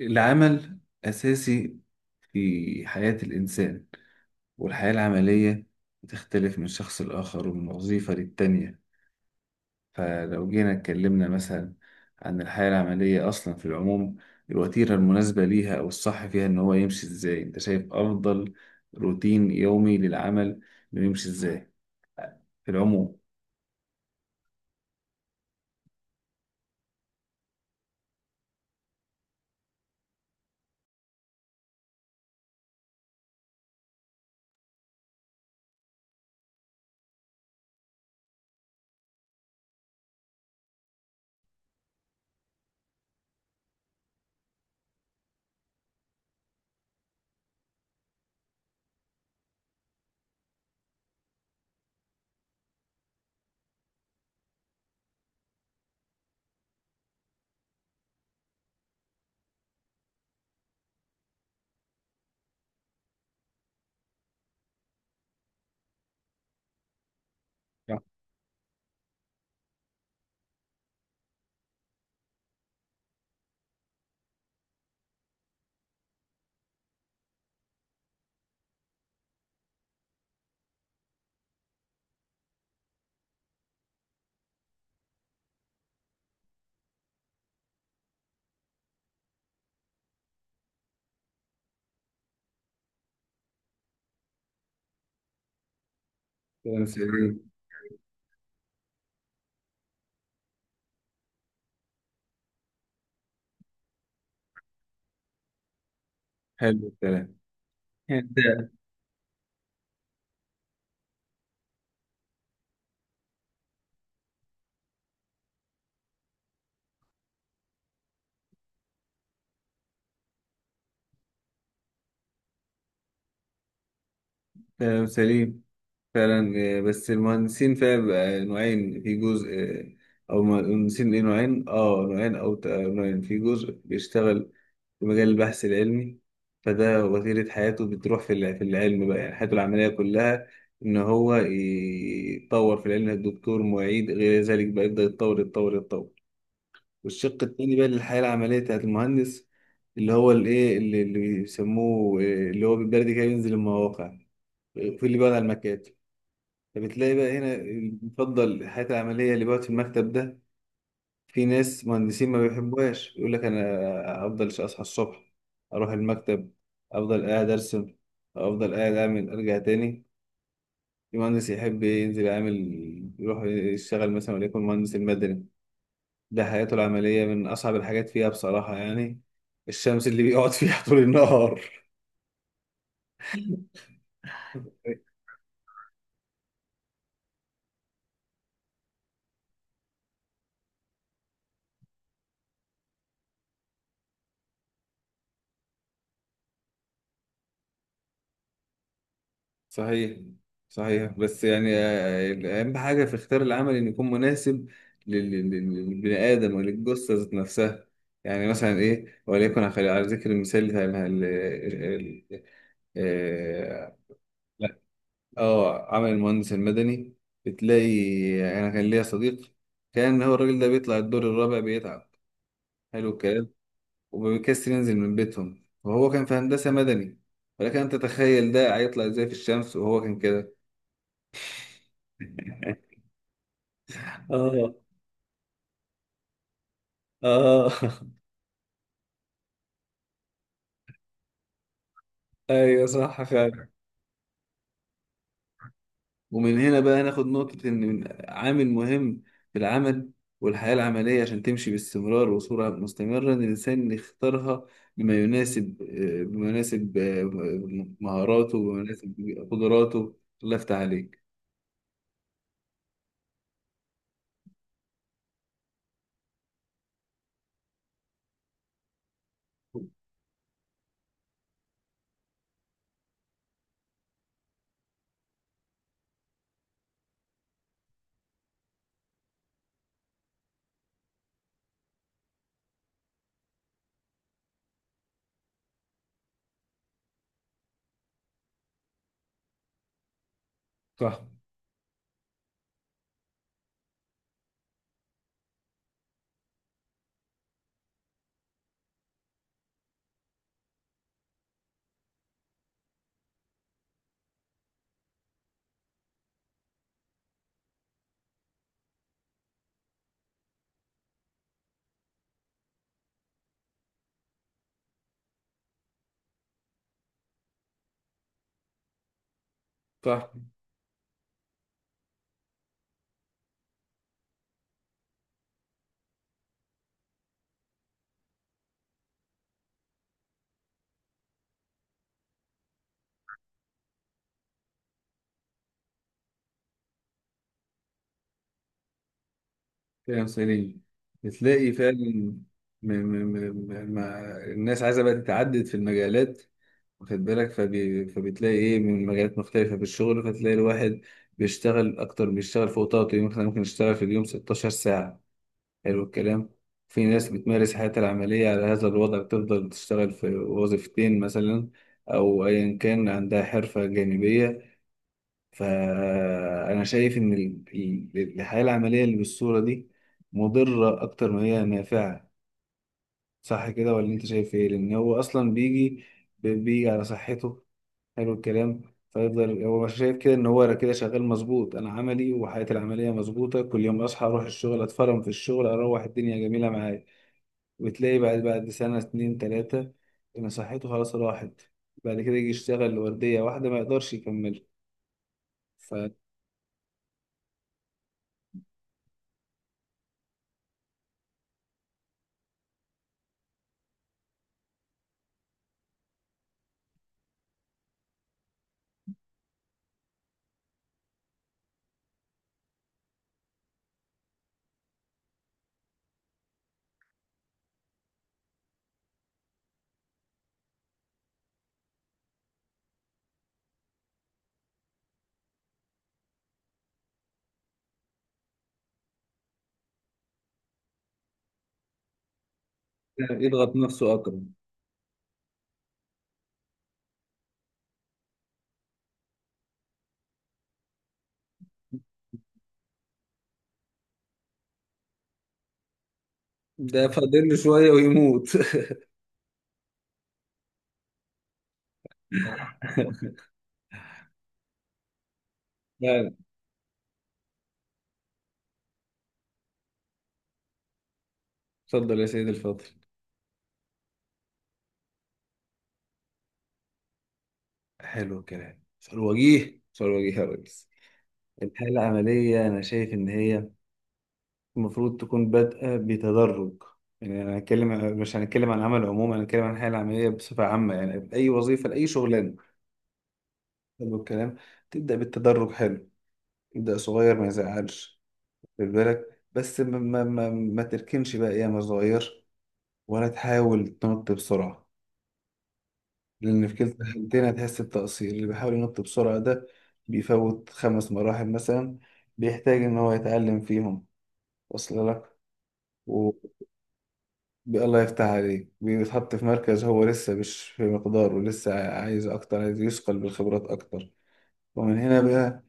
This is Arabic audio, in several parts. العمل أساسي في حياة الإنسان، والحياة العملية بتختلف من شخص لآخر ومن وظيفة للتانية. فلو جينا اتكلمنا مثلا عن الحياة العملية أصلا في العموم، الوتيرة المناسبة ليها أو الصح فيها إن هو يمشي إزاي؟ أنت شايف أفضل روتين يومي للعمل إنه يمشي إزاي في العموم؟ صح. كلام سليم. حلو الكلام. ده كلام سليم فعلا. بس المهندسين فيها بيبقى نوعين. في جزء او مهندسين ليه نوعين نوعين او ت- آه، نوعين في جزء بيشتغل في مجال البحث العلمي، فده وتيرة حياته بتروح في في العلم بقى. يعني حياته العملية كلها إن هو يتطور في العلم، الدكتور معيد، غير ذلك بقى يبدأ يتطور يتطور. والشق التاني بقى للحياة العملية بتاعت المهندس اللي هو الإيه، اللي بيسموه اللي هو بالبلدي كده ينزل المواقع. آه، في اللي بيقعد على المكاتب. فبتلاقي بقى هنا بيفضل الحياة العملية اللي بقعد في المكتب ده. في ناس مهندسين ما بيحبوهاش، يقول لك أنا أفضل أصحى الصبح أروح المكتب، أفضل قاعد أرسم، أفضل قاعد أعمل، أرجع تاني. في مهندس يحب ينزل يعمل، يروح يشتغل مثلا وليكن مهندس المدني. ده حياته العملية من أصعب الحاجات فيها بصراحة يعني، الشمس اللي بيقعد فيها طول النهار. صحيح، صحيح. بس يعني أهم حاجة في اختيار العمل إنه يكون مناسب لل- لل- للبني آدم وللجثة ذات نفسها. يعني مثلا إيه، وليكن على على ذكر المثال بتاع آه لا، آه، عمل المهندس المدني، بتلاقي أنا كان ليا صديق، كان هو الراجل ده بيطلع الدور الرابع بيتعب. حلو الكلام. وبيكسر، ينزل من بيتهم، وهو كان في هندسة مدني. ولكن أنت تتخيل ده هيطلع إزاي في الشمس وهو كان كده؟ اه. اه. ايوه، صح فعلا. ومن هنا بقى ناخد نقطة إن عامل مهم في العمل والحياة العملية عشان تمشي باستمرار وصورة مستمرة، إن الإنسان يختارها بما يناسب بما يناسب مهاراته، وبما يناسب قدراته. الله يفتح عليك. صح. صح. كلام سليم. بتلاقي فعلا م- م- الناس عايزة بقى تتعدد في المجالات، واخد بالك؟ فبتلاقي ايه من مجالات مختلفة في الشغل، فتلاقي الواحد بيشتغل اكتر، بيشتغل فوق طاقته. مثلا ممكن يشتغل في اليوم 16 ساعة. حلو الكلام. في ناس بتمارس حياتها العملية على هذا الوضع، بتفضل تشتغل في وظيفتين مثلا، او ايا كان عندها حرفة جانبية. فانا شايف ان الحياة العملية اللي بالصورة دي مضرة اكتر ما هي نافعة. صح كده، ولا انت شايف ايه؟ لان هو اصلا بيجي، على صحته. حلو الكلام. فيفضل هو شايف كده ان هو كده شغال مظبوط، انا عملي وحياتي العمليه مظبوطه، كل يوم اصحى اروح الشغل، اتفرم في الشغل، اروح الدنيا جميله معايا. وتلاقي بعد سنه اتنين تلاته ان صحته خلاص راحت. بعد كده يجي يشتغل لورديه واحده ما يقدرش يكمل. فيضغط نفسه أكتر. ده فاضل له شوية ويموت. فعلا. اتفضل يا سيدي الفاضل. حلو الكلام، سؤال وجيه، سؤال وجيه يا ريس. الحاله العمليه انا شايف ان هي المفروض تكون بادئة بتدرج. يعني أنا هنتكلم، مش هنتكلم عن العمل عموما، أنا هنتكلم عن الحياة العملية بصفة عامة، يعني أي وظيفة لأي شغلانة. حلو الكلام. تبدأ بالتدرج، حلو، تبدأ صغير، ما يزعلش. خد بالك بس ما تركنش بقى أيام صغير، ولا تحاول تنط بسرعة، لأن في كلتا الحالتين هتحس بتقصير. اللي بيحاول ينط بسرعة ده بيفوت خمس مراحل مثلا، بيحتاج إن هو يتعلم فيهم. وصل لك؟ الله يفتح عليك. بيتحط في مركز هو لسه مش في مقداره، لسه عايز أكتر، عايز يثقل بالخبرات أكتر. ومن هنا بقى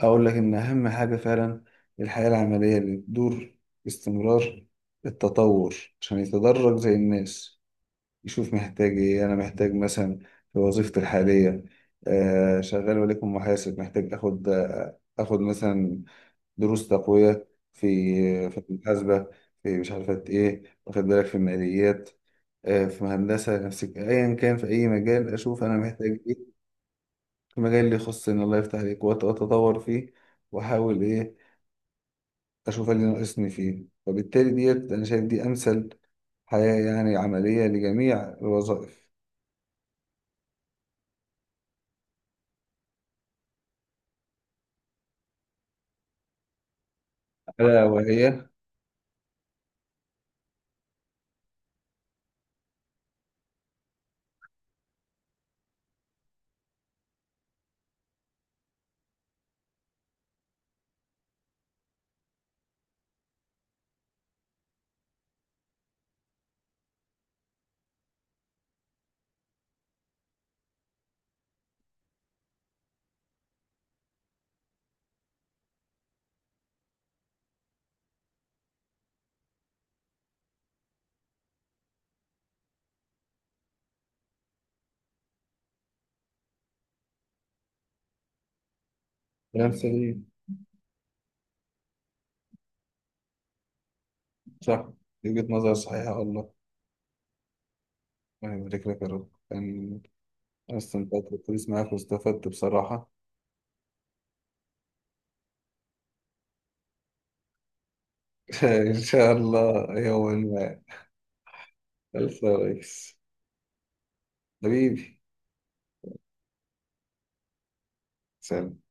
أقول لك إن أهم حاجة فعلا الحياة العملية اللي بتدور باستمرار التطور، عشان يتدرج زي الناس، يشوف محتاج إيه. أنا محتاج مثلا في وظيفتي الحالية، آه شغال وليكن محاسب، محتاج آخد آخد مثلا دروس تقوية في المحاسبة، في مش عارفة إيه، واخد بالك، في الماليات، في هندسة، نفس أيا كان، في أي مجال أشوف أنا محتاج إيه في المجال اللي يخصني، الله يفتح عليك، وأتطور فيه، وأحاول إيه، أشوف اللي ناقصني فيه. فبالتالي ديت أنا شايف دي أمثل حياة يعني عملية لجميع الوظائف. ألا وهي كلام سليم. صح. دي وجهة نظر صحيحة والله. يعني بارك لك يا رب كان، أنا استمتعت بالحديث معاك واستفدت بصراحة. إن شاء الله يوما ما. ألف ريس. حبيبي. سلام.